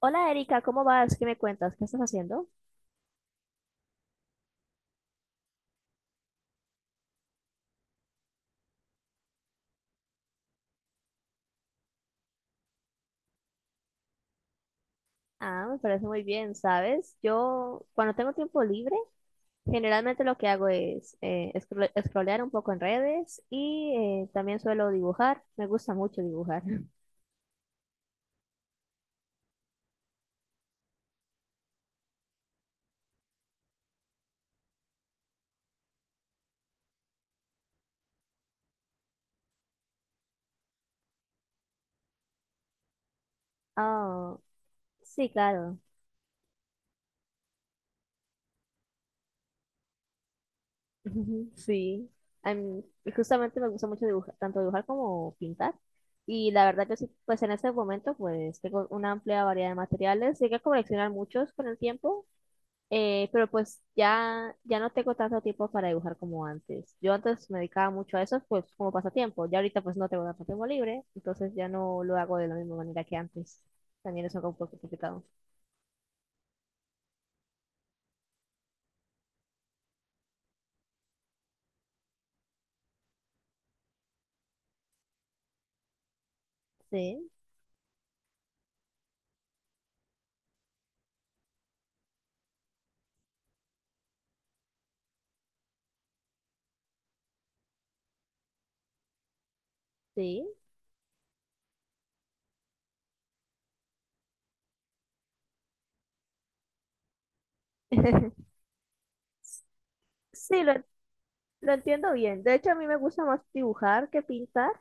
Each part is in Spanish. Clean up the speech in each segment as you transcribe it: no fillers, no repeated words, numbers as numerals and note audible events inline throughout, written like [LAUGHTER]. Hola Erika, ¿cómo vas? ¿Qué me cuentas? ¿Qué estás haciendo? Ah, me parece muy bien, ¿sabes? Yo cuando tengo tiempo libre, generalmente lo que hago es scrollear un poco en redes, y también suelo dibujar. Me gusta mucho dibujar. [LAUGHS] Ah, sí, claro. [LAUGHS] Ujú, sí. Y justamente me gusta mucho dibujar, tanto dibujar como pintar. Y la verdad que sí, pues en este momento pues tengo una amplia variedad de materiales. Llegué a coleccionar muchos con el tiempo. Pero pues ya no tengo tanto tiempo para dibujar como antes. Yo antes me dedicaba mucho a eso, pues como pasatiempo. Ya ahorita pues no tengo tanto tiempo libre, entonces ya no lo hago de la misma manera que antes. También eso es algo un poco complicado. Sí, sí. [LAUGHS] Sí, lo entiendo bien. De hecho, a mí me gusta más dibujar que pintar.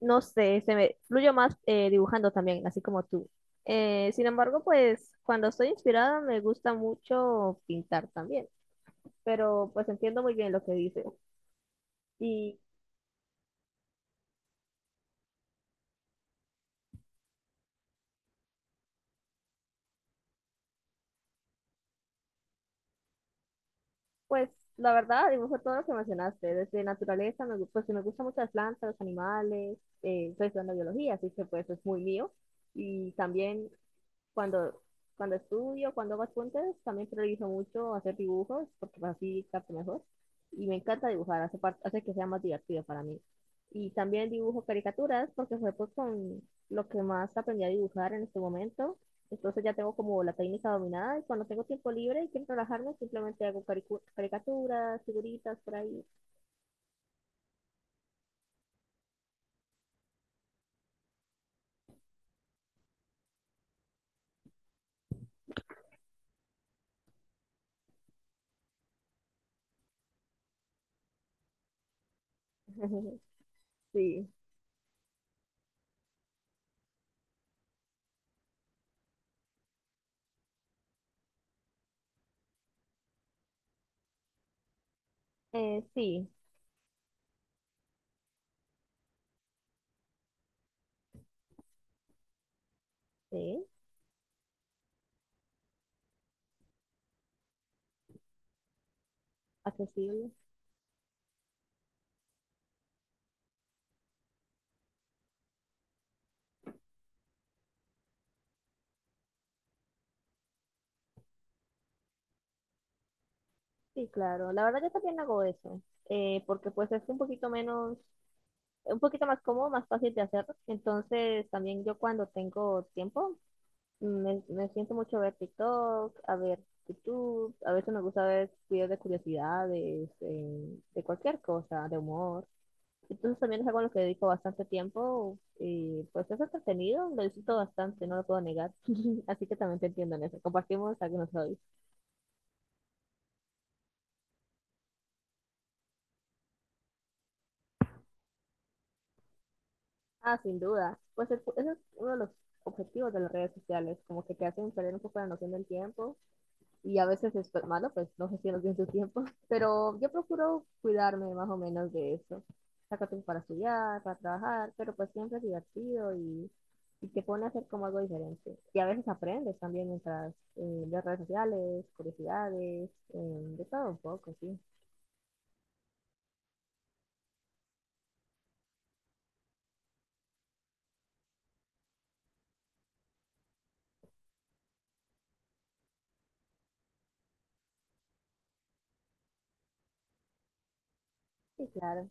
No sé, se me fluyo más dibujando también, así como tú. Sin embargo, pues cuando estoy inspirada me gusta mucho pintar también. Pero pues entiendo muy bien lo que dices. Y pues la verdad, dibujo todo lo que mencionaste, desde naturaleza, pues me gustan mucho las plantas, los animales, estoy estudiando biología, así que pues es muy mío. Y también cuando, cuando estudio, cuando hago apuntes, también priorizo mucho hacer dibujos, porque pues, así capto mejor. Y me encanta dibujar, hace que sea más divertido para mí. Y también dibujo caricaturas, porque fue pues con lo que más aprendí a dibujar en este momento. Entonces ya tengo como la técnica dominada y cuando tengo tiempo libre y quiero relajarme, simplemente hago caricaturas, figuritas por ahí. [LAUGHS] Sí, eh, sí, sí, accesible. Sí, claro. La verdad yo también hago eso, porque pues es un poquito menos, un poquito más cómodo, más fácil de hacer. Entonces también yo cuando tengo tiempo me siento mucho a ver TikTok, a ver YouTube, a veces me gusta ver videos de curiosidades, de cualquier cosa, de humor. Entonces también es algo a lo que dedico bastante tiempo y pues es entretenido, lo disfruto bastante, no lo puedo negar. [LAUGHS] Así que también te entiendo en eso. Compartimos algunos hobbies. Ah, sin duda. Pues ese es uno de los objetivos de las redes sociales, como que te hacen perder un poco la noción del tiempo y a veces es pues, malo, pues no gestionas bien tu tiempo, [LAUGHS] pero yo procuro cuidarme más o menos de eso. Saco tiempo para estudiar, para trabajar, pero pues siempre es divertido y te pone a hacer como algo diferente. Y a veces aprendes también mientras ves redes sociales, curiosidades, de todo un poco, sí. Sí, claro.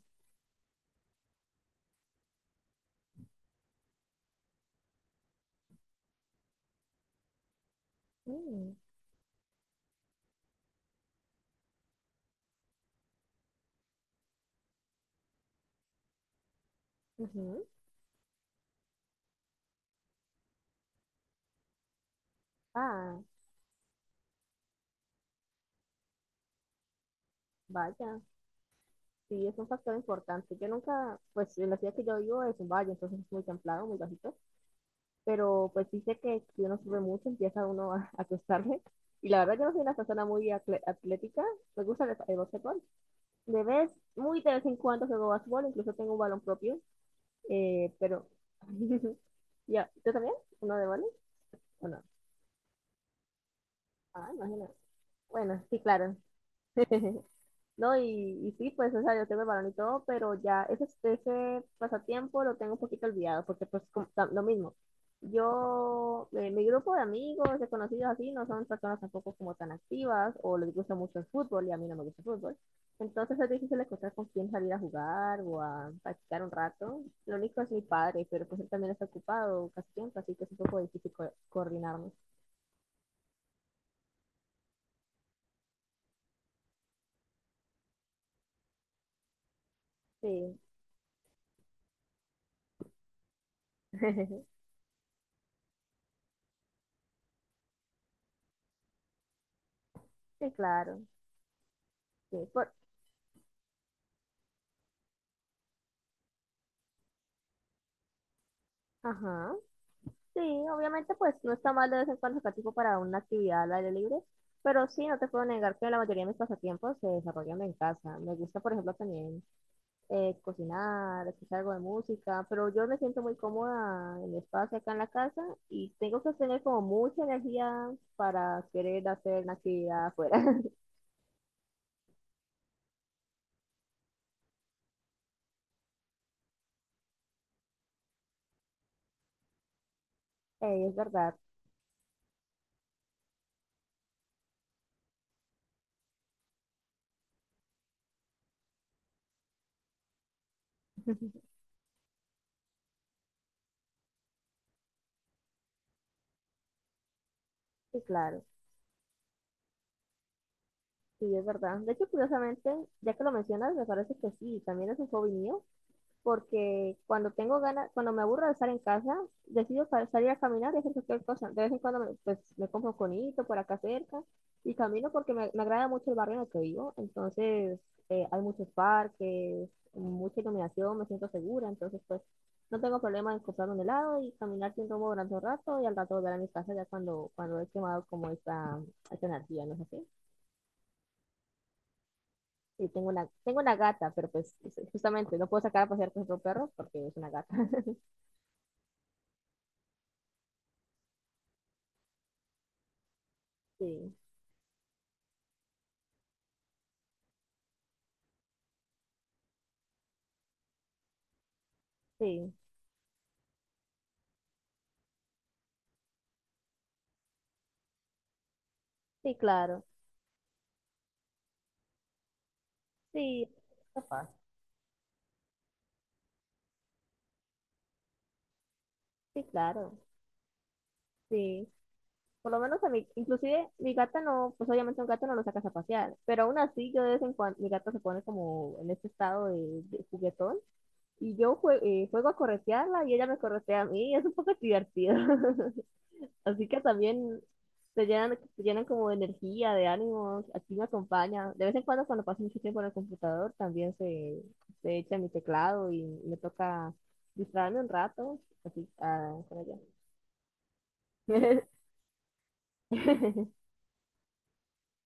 Mm, ujú. Ah, vaya. Sí, es un factor importante. Yo nunca, pues en la ciudad que yo vivo es un valle, entonces es muy templado, muy bajito, pero pues sí sé que si uno sube mucho empieza uno a acostarse. Y la verdad yo no soy una persona muy atlética, me gusta el básquetbol. De vez, muy de vez en cuando juego básquetbol, incluso tengo un balón propio, pero... [LAUGHS] Ya, ¿tú también? ¿Uno de balón? ¿O no? Ah, imagina. Bueno, sí, claro. [LAUGHS] No, y sí, pues, o sea, yo tengo el balón y todo, pero ya ese pasatiempo lo tengo un poquito olvidado, porque pues lo mismo. Yo, mi grupo de amigos, de conocidos así, no son personas tampoco como tan activas, o les gusta mucho el fútbol, y a mí no me gusta el fútbol. Entonces es difícil encontrar con quién salir a jugar o a practicar un rato. Lo único es mi padre, pero pues él también está ocupado casi siempre, así que es un poco difícil coordinarnos. Sí, [LAUGHS] sí, claro. Sí, por... Ajá. Sí, obviamente pues no está mal de vez en cuando sacar tiempo para una actividad al aire libre, pero sí, no te puedo negar que la mayoría de mis pasatiempos se desarrollan en casa. Me gusta, por ejemplo, también cocinar, escuchar algo de música, pero yo me siento muy cómoda en mi espacio acá en la casa y tengo que tener como mucha energía para querer hacer una actividad afuera. [LAUGHS] Es verdad, sí, claro. Sí, es verdad. De hecho, curiosamente, ya que lo mencionas, me parece que sí, también es un hobby mío porque cuando tengo ganas, cuando me aburro de estar en casa, decido salir a caminar y hacer cualquier cosa. De vez en cuando pues, me compro un conito por acá cerca y camino porque me agrada mucho el barrio en el que vivo. Entonces, hay muchos parques, mucha iluminación, me siento segura. Entonces, pues, no tengo problema en comprar un helado y caminar sin rumbo durante un rato y al rato volver a mi casa ya cuando he quemado como esta energía, ¿no es así? Y tengo una gata, pero pues justamente no puedo sacar a pasear con otro perro porque es una gata. [LAUGHS] Sí. Sí, sí, claro. Sí, capaz. Sí, claro. Sí. Por lo menos a mí, inclusive mi gata no, pues obviamente un gato no lo sacas a pasear, pero aún así yo de vez en cuando, mi gata se pone como en este estado de juguetón y yo juego a corretearla y ella me corretea a mí, es un poco divertido. [LAUGHS] Así que también te llenan como de energía, de ánimos, aquí me acompaña. De vez en cuando cuando paso mucho tiempo en el computador también se echa mi teclado y me toca distraerme un rato, así, ah, con ella. [LAUGHS]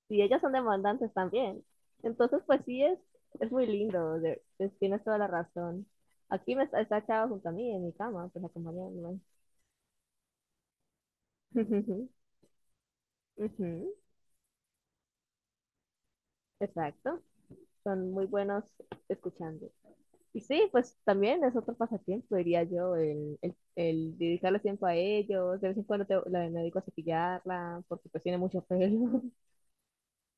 Sí, ellas son demandantes también. Entonces, pues sí, es muy lindo, tienes toda la razón. Aquí me está echado junto a mí en mi cama, pues acompañándome. [LAUGHS] Ujú, exacto, son muy buenos escuchando. Y sí, pues también es otro pasatiempo, diría yo, el dedicarle tiempo a ellos. De vez en cuando me dedico a cepillarla porque pues tiene mucho pelo.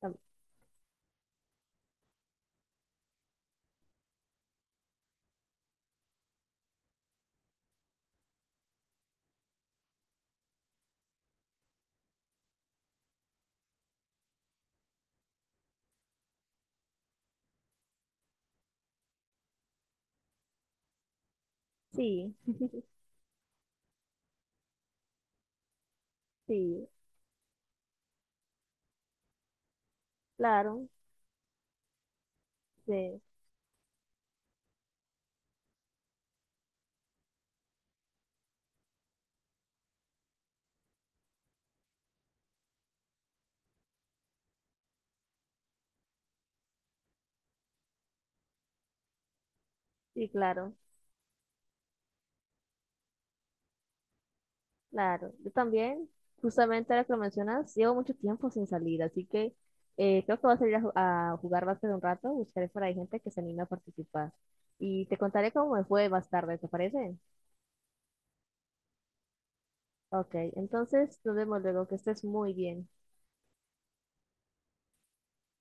[LAUGHS] Tam- sí, sí, claro, sí, sí, claro, claro. Yo también, justamente ahora que lo mencionas, llevo mucho tiempo sin salir, así que creo que voy a salir a, a jugar básquet un rato, buscaré por ahí gente que se anime a participar. Y te contaré cómo me fue más tarde, ¿te parece? Ok, entonces nos vemos luego, que estés muy bien.